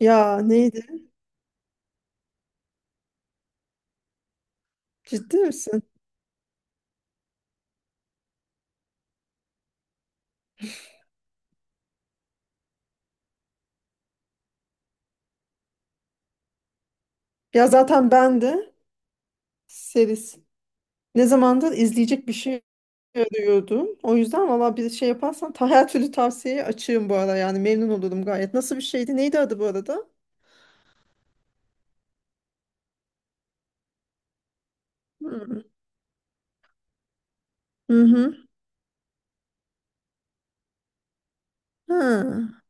Ya neydi? Ciddi misin? Ya zaten ben de seris. Ne zamandır izleyecek bir şey arıyordum. O yüzden valla bir şey yaparsan her türlü tavsiyeye açığım bu ara yani memnun olurum gayet. Nasıl bir şeydi? Neydi adı bu arada? Hmm. Hı hı. Ha,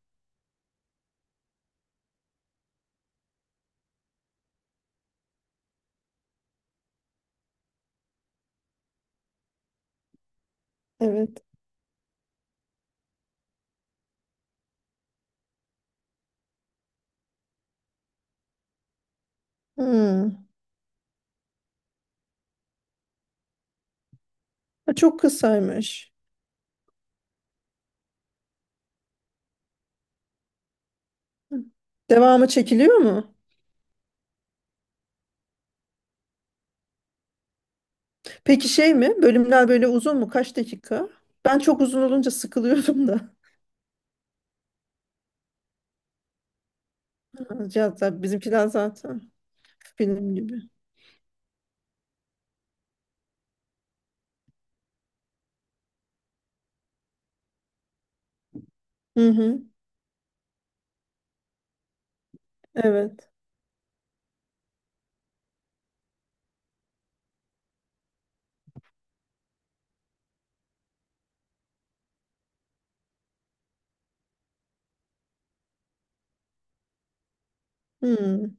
evet. Hı. Ha, çok kısaymış. Hı. Devamı çekiliyor mu? Peki şey mi? Bölümler böyle uzun mu? Kaç dakika? Ben çok uzun olunca sıkılıyorum da. Ha, zaten bizimkiler zaten film gibi. Hı hı. Evet. Hmm.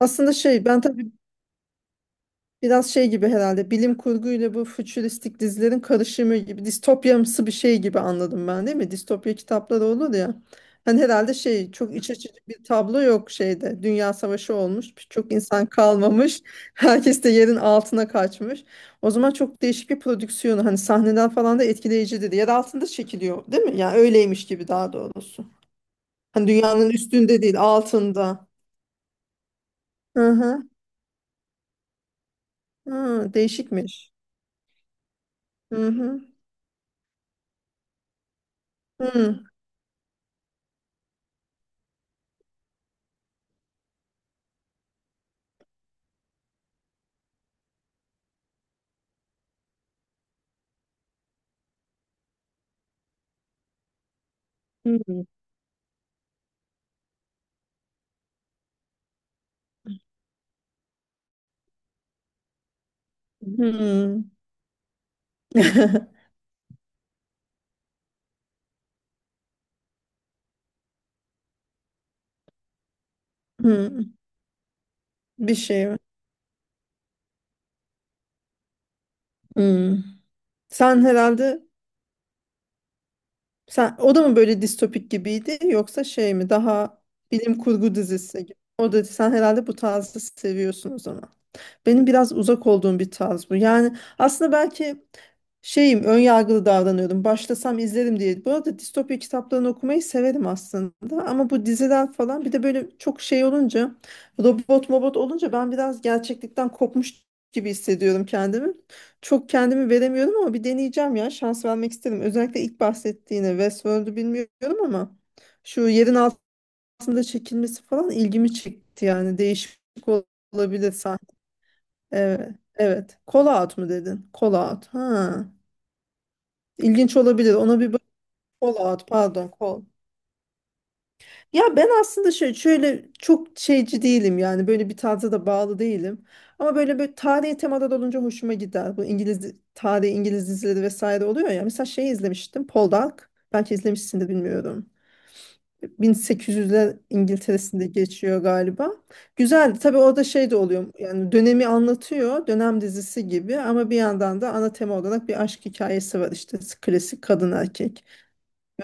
Aslında şey ben tabii biraz şey gibi herhalde bilim kurguyla bu fütüristik dizilerin karışımı gibi distopyamsı bir şey gibi anladım ben, değil mi? Distopya kitapları olur ya. Hani herhalde şey çok iç açıcı bir tablo yok şeyde. Dünya savaşı olmuş. Çok insan kalmamış. Herkes de yerin altına kaçmış. O zaman çok değişik bir prodüksiyonu hani sahneler falan da etkileyici dedi. Yer altında çekiliyor değil mi? Yani öyleymiş gibi daha doğrusu. Hani dünyanın üstünde değil altında. Hı hı. Hı, değişikmiş. Hı hı. Hı. Hı. Hı. Bir şey var. Hı. Sen herhalde o da mı böyle distopik gibiydi yoksa şey mi daha bilim kurgu dizisi gibi? O da sen herhalde bu tarzı seviyorsun o zaman. Benim biraz uzak olduğum bir tarz bu. Yani aslında belki şeyim ön yargılı davranıyordum. Başlasam izlerim diye. Bu arada distopya kitaplarını okumayı severim aslında. Ama bu diziler falan bir de böyle çok şey olunca robot mobot olunca ben biraz gerçeklikten kopmuş gibi hissediyorum kendimi. Çok kendimi veremiyorum ama bir deneyeceğim ya. Şans vermek isterim. Özellikle ilk bahsettiğine Westworld'u bilmiyorum ama şu yerin altında çekilmesi falan ilgimi çekti, yani değişik olabilir. Evet. Evet. Call out mu dedin? Call out. Ha. İlginç olabilir. Ona bir bak. Call out. Pardon. Call. Ya ben aslında şey şöyle çok şeyci değilim yani böyle bir tarza da bağlı değilim. Ama böyle bir tarihi temalar olunca hoşuma gider. Bu İngiliz tarihi İngiliz dizileri vesaire oluyor ya. Mesela şey izlemiştim. Poldark. Belki izlemişsin de bilmiyorum. 1800'ler İngiltere'sinde geçiyor galiba. Güzeldi. Tabii orada şey de oluyor. Yani dönemi anlatıyor. Dönem dizisi gibi ama bir yandan da ana tema olarak bir aşk hikayesi var işte. Klasik kadın erkek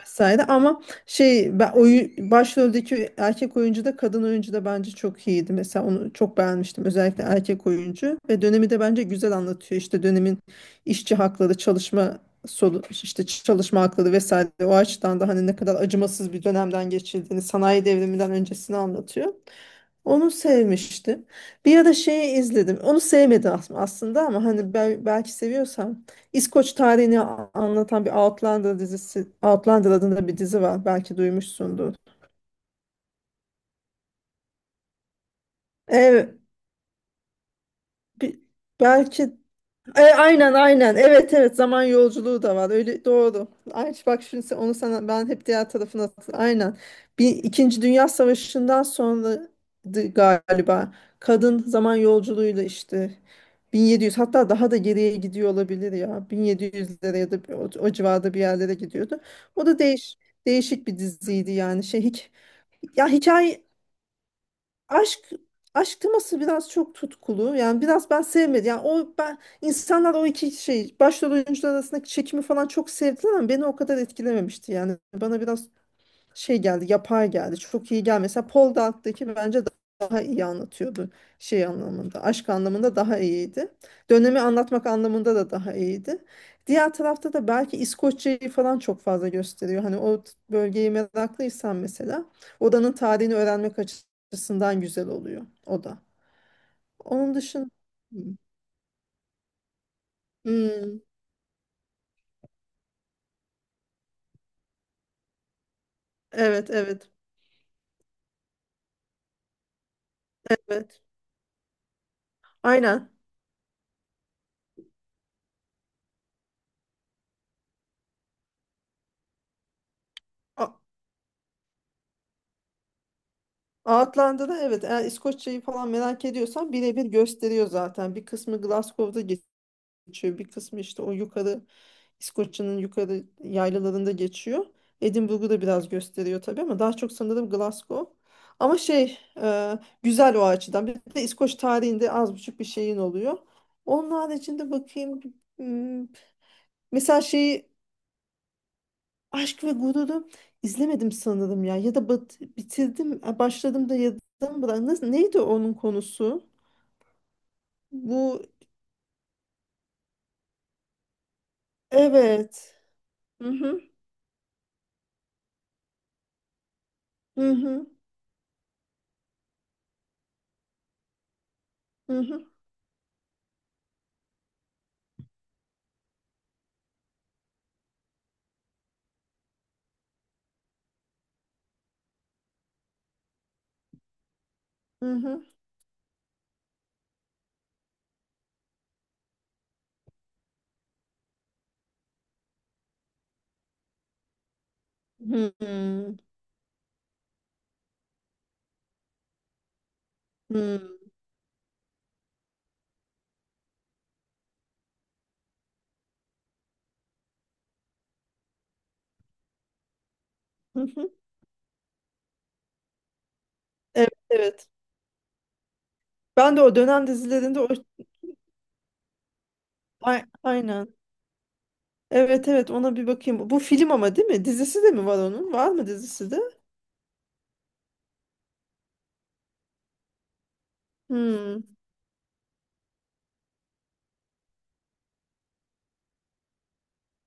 vesaire ama şey ben başroldeki erkek oyuncu da kadın oyuncu da bence çok iyiydi. Mesela onu çok beğenmiştim, özellikle erkek oyuncu, ve dönemi de bence güzel anlatıyor. İşte dönemin işçi hakları, çalışma solu işte çalışma hakları vesaire, o açıdan da hani ne kadar acımasız bir dönemden geçildiğini, sanayi devriminden öncesini anlatıyor. Onu sevmiştim. Bir ara şeyi izledim. Onu sevmedim aslında ama hani belki seviyorsam İskoç tarihini anlatan bir Outlander dizisi, Outlander adında bir dizi var. Belki duymuşsundur. Evet, bi- belki. Aynen aynen. Evet evet zaman yolculuğu da var. Öyle doğru. Ay bak şimdi onu sana ben hep diğer tarafına aynen. Bir İkinci Dünya Savaşı'ndan sonra galiba kadın zaman yolculuğuyla işte 1700 hatta daha da geriye gidiyor olabilir ya. 1700'lere ya da o civarda bir yerlere gidiyordu. O da değişik bir diziydi yani şey hiç, ya hikaye aşk aşk teması biraz çok tutkulu. Yani biraz ben sevmedim. Yani o ben insanlar o iki şey başrol oyuncular arasındaki çekimi falan çok sevdiler ama beni o kadar etkilememişti. Yani bana biraz şey geldi, yapay geldi, çok iyi geldi. Mesela Paul Dark'taki bence daha iyi anlatıyordu, şey anlamında aşk anlamında daha iyiydi, dönemi anlatmak anlamında da daha iyiydi. Diğer tarafta da belki İskoçya'yı falan çok fazla gösteriyor, hani o bölgeyi meraklıysan mesela odanın tarihini öğrenmek açısından güzel oluyor o da, onun dışında. Hmm. Hmm. Evet evet evet, aynen. A- Outlander'da evet, eğer İskoçya'yı falan merak ediyorsan birebir gösteriyor zaten. Bir kısmı Glasgow'da geçiyor. Bir kısmı işte o yukarı İskoçya'nın yukarı yaylalarında geçiyor. Edinburgh'u da biraz gösteriyor tabii ama daha çok sanırım Glasgow. Ama şey güzel o açıdan. Bir de İskoç tarihinde az buçuk bir şeyin oluyor. Onun haricinde bakayım. Hmm. Mesela şeyi Aşk ve Gurur'u izlemedim sanırım ya. Ya da bitirdim, başladım da yarıdan bırak. Nasıl, neydi onun konusu? Bu evet. Hı hı. Hı hı. Hı hı. Hı hı. Hı hı. Hı hı. Evet, evet. Ben de o dönem dizilerinde o aynen. Evet evet, ona bir bakayım. Bu film ama değil mi? Dizisi de mi var onun? Var mı dizisi de? Hmm.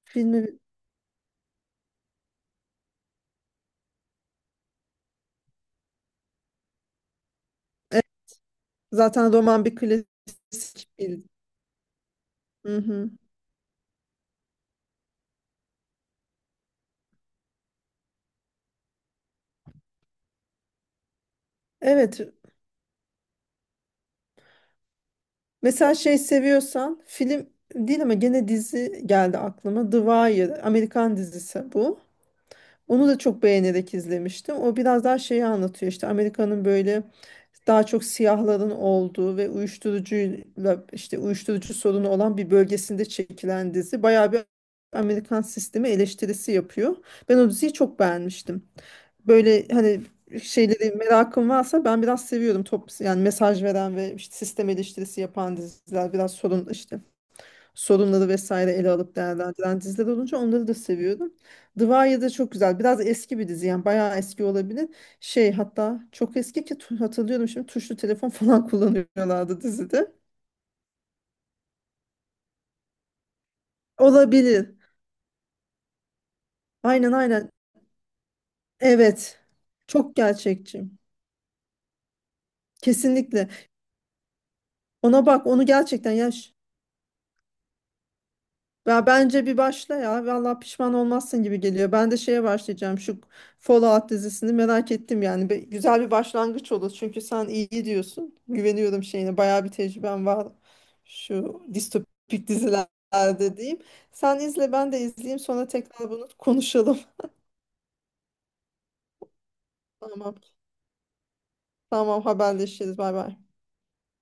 Filmi Evet, zaten roman bir klasik. Hı hı. Evet. Mesela şey, seviyorsan film değil ama gene dizi geldi aklıma. The Wire, Amerikan dizisi bu. Onu da çok beğenerek izlemiştim. O biraz daha şeyi anlatıyor, işte Amerika'nın böyle daha çok siyahların olduğu ve uyuşturucuyla işte uyuşturucu sorunu olan bir bölgesinde çekilen dizi. Bayağı bir Amerikan sistemi eleştirisi yapıyor. Ben o diziyi çok beğenmiştim. Böyle hani şeyleri merakım varsa ben biraz seviyorum. Yani mesaj veren ve işte sistem eleştirisi yapan diziler, biraz sorun işte sorunları vesaire ele alıp değerlendiren diziler olunca onları da seviyorum. The Wire da çok güzel. Biraz eski bir dizi yani bayağı eski olabilir. Şey hatta çok eski ki hatırlıyorum şimdi tuşlu telefon falan kullanıyorlardı dizide. Olabilir. Aynen aynen. Evet. Çok gerçekçi. Kesinlikle. Ona bak onu, gerçekten ya. Ya bence bir başla ya. Vallahi pişman olmazsın gibi geliyor. Ben de şeye başlayacağım. Şu Fallout dizisini merak ettim yani. Güzel bir başlangıç olur. Çünkü sen iyi diyorsun. Güveniyorum şeyine. Bayağı bir tecrüben var. Şu distopik dizilerde diyeyim. Sen izle ben de izleyeyim. Sonra tekrar bunu konuşalım. Tamam. Tamam, haberleşiriz. Bay bay.